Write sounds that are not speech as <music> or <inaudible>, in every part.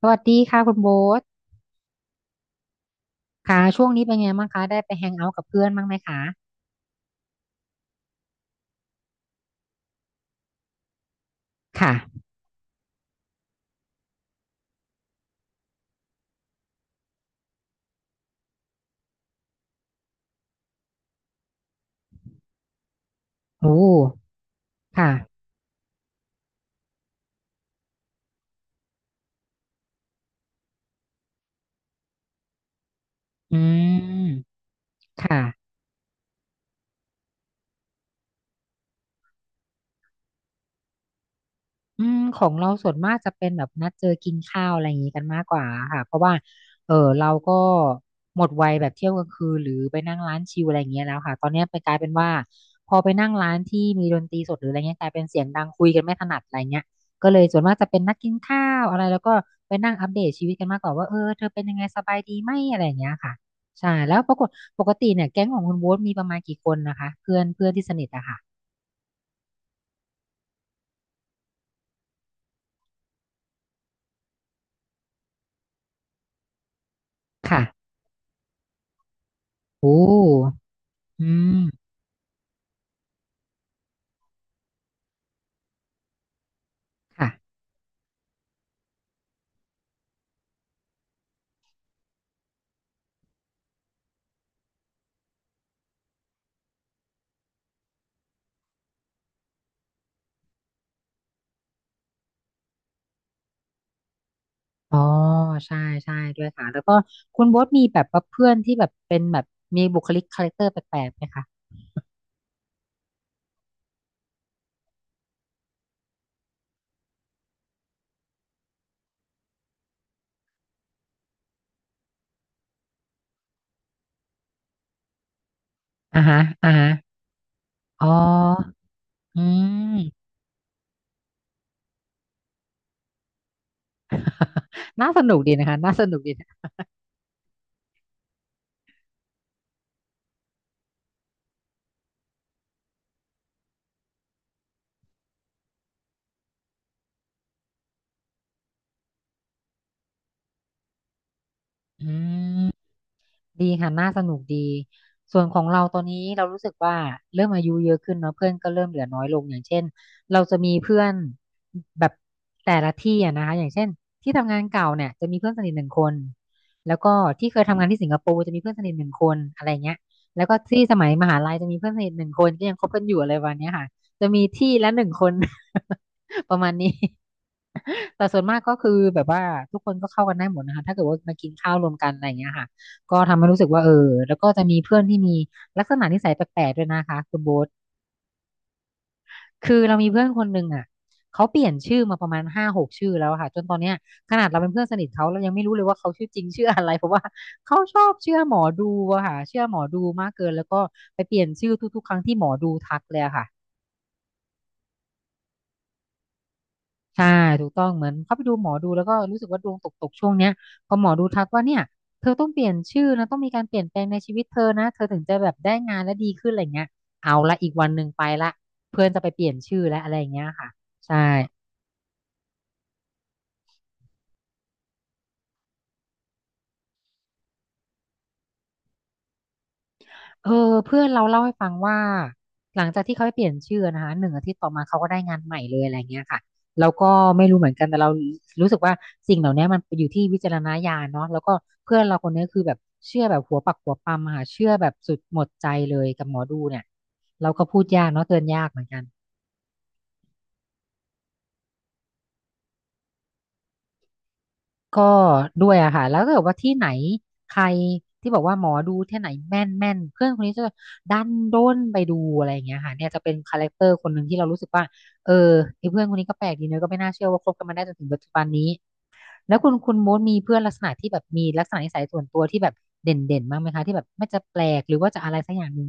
สวัสดีค่ะคุณโบ๊ทค่ะช่วงนี้เป็นไงบ้างคะได้ไปแฮงเอาท์กับเพื่อนบ้างไหมคะค่ะโอ้ค่ะอืมค่ะ อืมของเราส่วนมากจะเป็นแบบนัดเจอกินข้าวอะไรอย่างนี้กันมากกว่าค่ะเพราะว่าเออเราก็หมดวัยแบบเที่ยวกลางคืนหรือไปนั่งร้านชิลอะไรอย่างเงี้ยแล้วค่ะตอนเนี้ยไปกลายเป็นว่าพอไปนั่งร้านที่มีดนตรีสดหรืออะไรเงี้ยกลายเป็นเสียงดังคุยกันไม่ถนัดอะไรเงี้ยก็เลยส่วนมากจะเป็นนัดกินข้าวอะไรแล้วก็ไปนั่งอัปเดตชีวิตกันมากกว่าว่าเออเธอเป็นยังไงสบายดีไหมอะไรอย่างเงี้ยค่ะใช่แล้วปรากฏปกติเนี่ยแก๊งของคุณโบ๊ทมีประมาณกี่คนนะคะเพื่อนเพื่อนที่สนิทอะค่ะค่ะโอ้อืมค่ะ อ๋อใช่ใช่ด้วยค่ะแล้วก็คุณโบ๊ทมีแบบว่าเพื่อนที่แบบเป็นแบบมีบุคลิกคาแรคเตอร์แปลกๆไหมคะอ่าฮะอ่าฮะอ๋ออืมน่าสนุกดีนะคะน่าสนุกดีนะอืม ดีค่ะน่าสนุกดีส่วนของเราตอนนี้เรารู้สึกว่าเริ่มอายุเยอะขึ้นเนาะเพื่อนก็เริ่มเหลือน้อยลงอย่างเช่นเราจะมีเพื่อนแบบแต่ละที่อะนะคะอย่างเช่นที่ทำงานเก่าเนี่ยจะมีเพื่อนสนิทหนึ่งคนแล้วก็ที่เคยทำงานที่สิงคโปร์จะมีเพื่อนสนิทหนึ่งคนอะไรเงี้ยแล้วก็ที่สมัยมหาลัยจะมีเพื่อนสนิทหนึ่งคนก็ยังคบกันอยู่อะไรวันเนี้ยค่ะจะมีที่ละหนึ่งคน <laughs> ประมาณนี้แต่ส่วนมากก็คือแบบว่าทุกคนก็เข้ากันได้หมดนะคะถ้าเกิดว่ามากินข้าวรวมกันอะไรอย่างเงี้ยค่ะ ก็ทำให้รู้สึกว่าเออแล้วก็จะมีเพื่อนที่มีลักษณะนิสัยแปลกๆด้วยนะคะคุณโบ๊ทคือเรามีเพื่อนคนหนึ่งอ่ะเขาเปลี่ยนชื่อมาประมาณห้าหกชื่อแล้วอะค่ะจนตอนเนี้ยขนาดเราเป็นเพื่อนสนิทเขาเรายังไม่รู้เลยว่าเขาชื่อจริงชื่ออะไร <laughs> เพราะว่าเขาชอบเชื่อหมอดูอะค่ะเชื่อหมอดูมากเกินแล้วก็ไปเปลี่ยนชื่อทุกๆครั้งที่หมอดูทักเลยอะค่ะ ใช่ถูกต้องเหมือนเขาไปดูหมอดูแล้วก็รู้สึกว่าดวงตกช่วงเนี้ยพอหมอดูทักว่าเนี่ยเธอต้องเปลี่ยนชื่อนะต้องมีการเปลี่ยนแปลงในชีวิตเธอนะเธอถึงจะแบบได้งานและดีขึ้นอะไรเงี้ยเอาละอีกวันหนึ่งไปละเพื่อนจะไปเปลี่ยนชื่อและอะไรอย่างเงี้ยค่ะใช่ เออเพื่อนเราเล่าให้ฟังว่าหลังจากที่เขาไปเปลี่ยนชื่อนะคะหนึ่งอาทิตย์ต่อมาเขาก็ได้งานใหม่เลยอะไรเงี้ยค่ะแล้วก็ไม่รู้เหมือนกันแต่เรารู้สึกว่าสิ่งเหล่านี้มันอยู่ที่วิจารณญาณเนาะแล้วก็เพื่อนเราคนนี้คือแบบเชื่อแบบหัวปักหัวปำอะค่ะเชื่อแบบสุดหมดใจเลยกับหมอดูเนี่ยเราก็พูดยากเนาะเตือนยากเหมือนกัน ก็ด้วยอะค่ะแล้วก็แบบว่าที่ไหนใครที่บอกว่าหมอดูที่ไหนแม่นแม่นเพื่อนคนนี้จะดันด้นไปดูอะไรอย่างเงี้ยค่ะเนี่ยจะเป็นคาแรคเตอร์คนหนึ่งที่เรารู้สึกว่าเออไอ้เพื่อนคนนี้ก็แปลกดีเนอะก็ไม่น่าเชื่อว่าคบกันมาได้จนถึงปัจจุบันนี้แล้วคุณโมดมีเพื่อนลักษณะที่แบบมีลักษณะนิสัยส่วนตัวที่แบบเด่นเด่นมากไหมคะที่แบบไม่จะแปลกหรือว่าจะอะไรสักอย่างหนึ่ง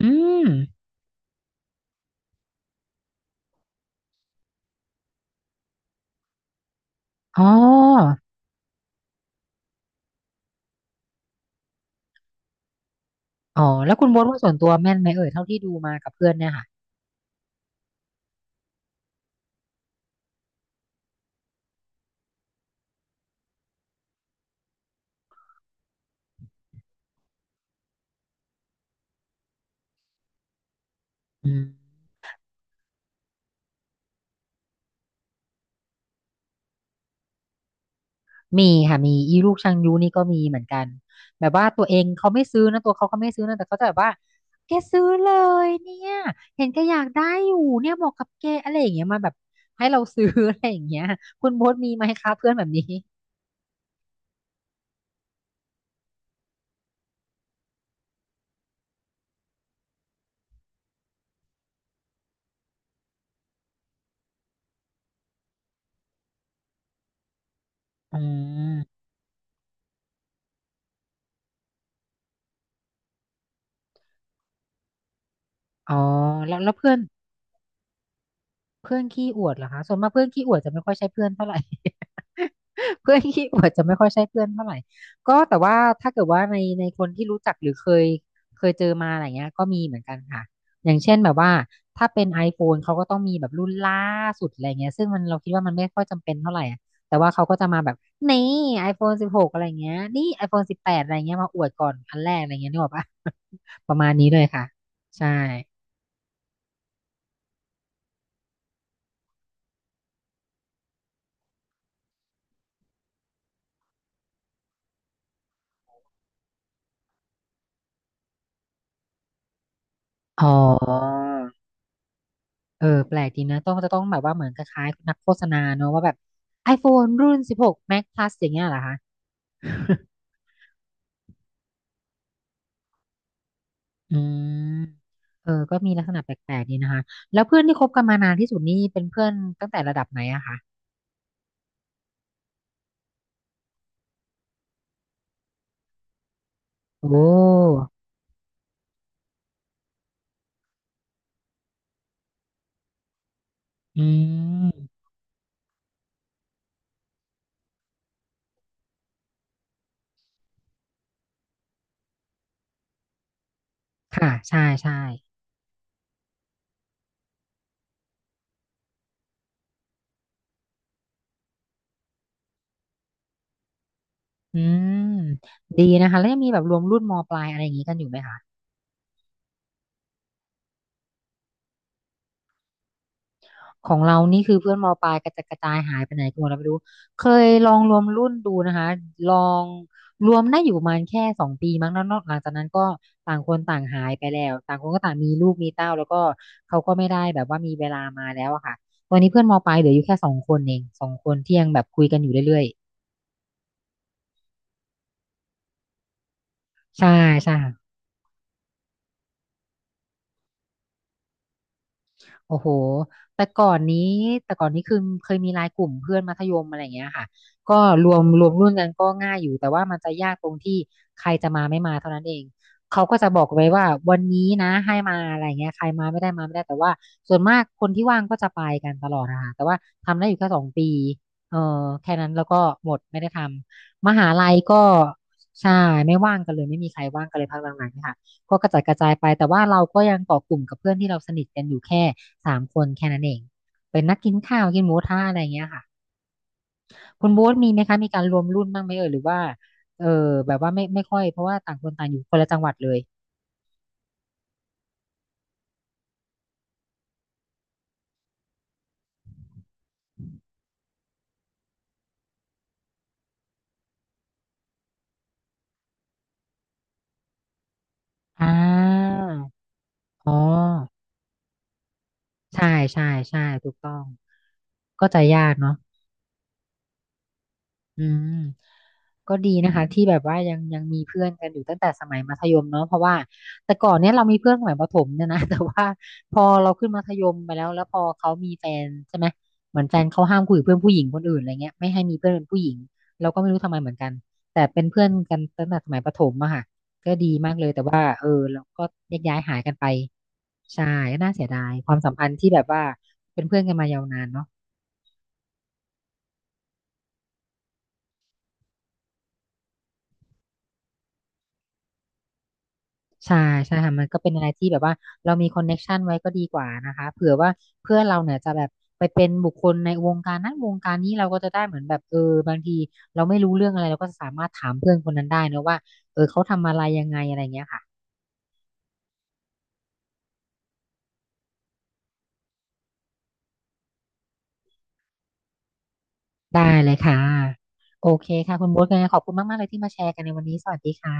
อืมอ๋ออ๋อแล้วคุณโมดว่าส่วนตัวแม่นไหมเอ่ยเท่าที่ดูมากับเพื่อนเนี่ยค่ะอืม มีค่ะมีอีลูกชังยูนี่ก็มีเหมือนกันแบบว่าตัวเองเขาไม่ซื้อนะตัวเขาไม่ซื้อนะแต่เขาจะแบบว่าแกซื้อเลยเนี่ยเห็นแกอยากได้อยู่เนี่ยเหมาะกับแกอะไรอย่างเงี้ยมาแบบให้เราซื้อ <laughs> อะไรอย่างเงี้ยคุณโบ๊ทมีไหมคะเพื่อนแบบนี้อืมอ๋อแล้วเพื่อน เพื่อนขี้อวดเหรอคะส่วนมากเพื่อนขี้อวดจะไม่ค่อยใช่เพื่อนเท่าไหร่ <laughs> เพื่อนขี้อวดจะไม่ค่อยใช่เพื่อนเท่าไหร่ก็แต่ว่าถ้าเกิดว่าในคนที่รู้จักหรือเคยเจอมาอะไรเงี้ยก็มีเหมือนกันค่ะอย่างเช่นแบบว่าถ้าเป็น iPhone เขาก็ต้องมีแบบรุ่นล่าสุดอะไรเงี้ยซึ่งมันเราคิดว่ามันไม่ค่อยจำเป็นเท่าไหร่อะแต่ว่าเขาก็จะมาแบบนี่ iPhone สิบหกอะไรเงี้ยนี่ iPhone สิบแปดอะไรเงี้ยมาอวดก่อนอันแรกอะไรเงี้ยนึกออกปะประมาณนี้เลยค่ะใช่อ๋อ เออแปลกดีนะต้องจะต้องแบบว่าเหมือนคล้ายๆนักโฆษณาเนอะว่าแบบ iPhone รุ่น16 Max Plus อย่างเงี้ยเหรอคะอืมเออก็มีลักษณะแปลกๆดีนะคะแล้วเพื่อนที่คบกันมานานที่สุดนี่เป็นเพื่อนตั้งแต่ระดับไหนอะคะโอ้อืมค่ะใช่ใช่อืมดีนะคะแล้วยังมีแบบรวมรุ่นมปลายอะไรอย่างงี้กันอยู่ไหมคะ ของเรานี่คือเพื่อนมปลายกระจัดกระจายหายไปไหนกันหมดแล้ไม่รู้เคยลองรวมรุ่นดูนะคะลองรวมได้อยู่ประมาณแค่สองปีมั้งแล้วนอกหลังจากนั้นก็ต่างคนต่างหายไปแล้วต่างคนก็ต่างมีลูกมีเต้าแล้วก็เขาก็ไม่ได้แบบว่ามีเวลามาแล้วอะค่ะวันนี้เพื่อนมปลายเหลืออยู่แค่สองคนเองสองคนที่ยังแบบคุยกันอยู่เรื่อยๆใช่ใช่ โอ้โหแต่ก่อนนี้แต่ก่อนนี้คือเคยมีไลน์กลุ่มเพื่อนมัธยมอะไรอย่างเงี้ยค่ะก็รวมรุ่นกันก็ง่ายอยู่แต่ว่ามันจะยากตรงที่ใครจะมาไม่มาเท่านั้นเองเขาก็จะบอกไว้ว่าวันนี้นะให้มาอะไรเงี้ยใครมาไม่ได้มาไม่ได้แต่ว่าส่วนมากคนที่ว่างก็จะไปกันตลอดนะคะแต่ว่าทำได้อยู่แค่สองปีเออแค่นั้นแล้วก็หมดไม่ได้ทำมหาลัยก็ใช่ไม่ว่างกันเลยไม่มีใครว่างกันเลยพักหลังๆเนี่ยค่ะ ก็กระจัดกระจายไปแต่ว่าเราก็ยังเกาะกลุ่มกับเพื่อนที่เราสนิทกันอยู่แค่สามคนแค่นั้นเองเป็นนัดกินข้าวกินหมูกระทะอะไรอย่างเงี้ยค่ะคุณโบ๊ทมีไหมคะมีการรวมรุ่นบ้างไหมเอ่ยหรือว่าเออแบบว่าไม่ค่อยเพราะว่าต่างคนต่างอยู่คนละจังหวัดเลยอ่าอ๋อใช่ใช่ใช่ถูกต้องก็จะยากเนาะ อืมก็ดีนะคะที่แบบว่ายังมีเพื่อนกันอยู่ตั้งแต่สมัยมัธยมเนาะเพราะว่าแต่ก่อนเนี้ยเรามีเพื่อนสมัยประถมเนี่ยนะ <laughs> แต่ว่าพอเราขึ้นมัธยมไปแล้วแล้วพอเขามีแฟนใช่ไหมเหมือนแฟนเขาห้ามคุยกับเพื่อนผู้หญิงคนอื่นอะไรเงี้ยไม่ให้มีเพื่อนเป็นผู้หญิงเราก็ไม่รู้ทำไมเหมือนกันแต่เป็นเพื่อนกันตั้งแต่สมัยประถมอะค่ะเลยแต่ว่าเออเราก็แยกย้ายหายกันไปใช่ก็น่าเสียดายความสัมพันธ์ที่แบบว่าเป็นเพื่อนกันมายาวนานเนาะ ใช่ใช่ค่ะมันก็เป็นอะไรที่แบบว่าเรามีคอนเน็กชันไว้ก็ดีกว่านะคะเผื่อว่าเพื่อนเราเนี่ยจะแบบไปเป็นบุคคลในวงการนั้นวงการนี้เราก็จะได้เหมือนแบบเออบางทีเราไม่รู้เรื่องอะไรเราก็สามารถถามเพื่อนคนนั้นได้นะว่าเออเขาทำอะไรยังไงอะไรเงี้ยค่ะได้เลยค่ะโอเคค่ะคุณโบ๊ทยังไงขอบคุณมากๆเลยที่มาแชร์กันในวันนี้สวัสดีค่ะ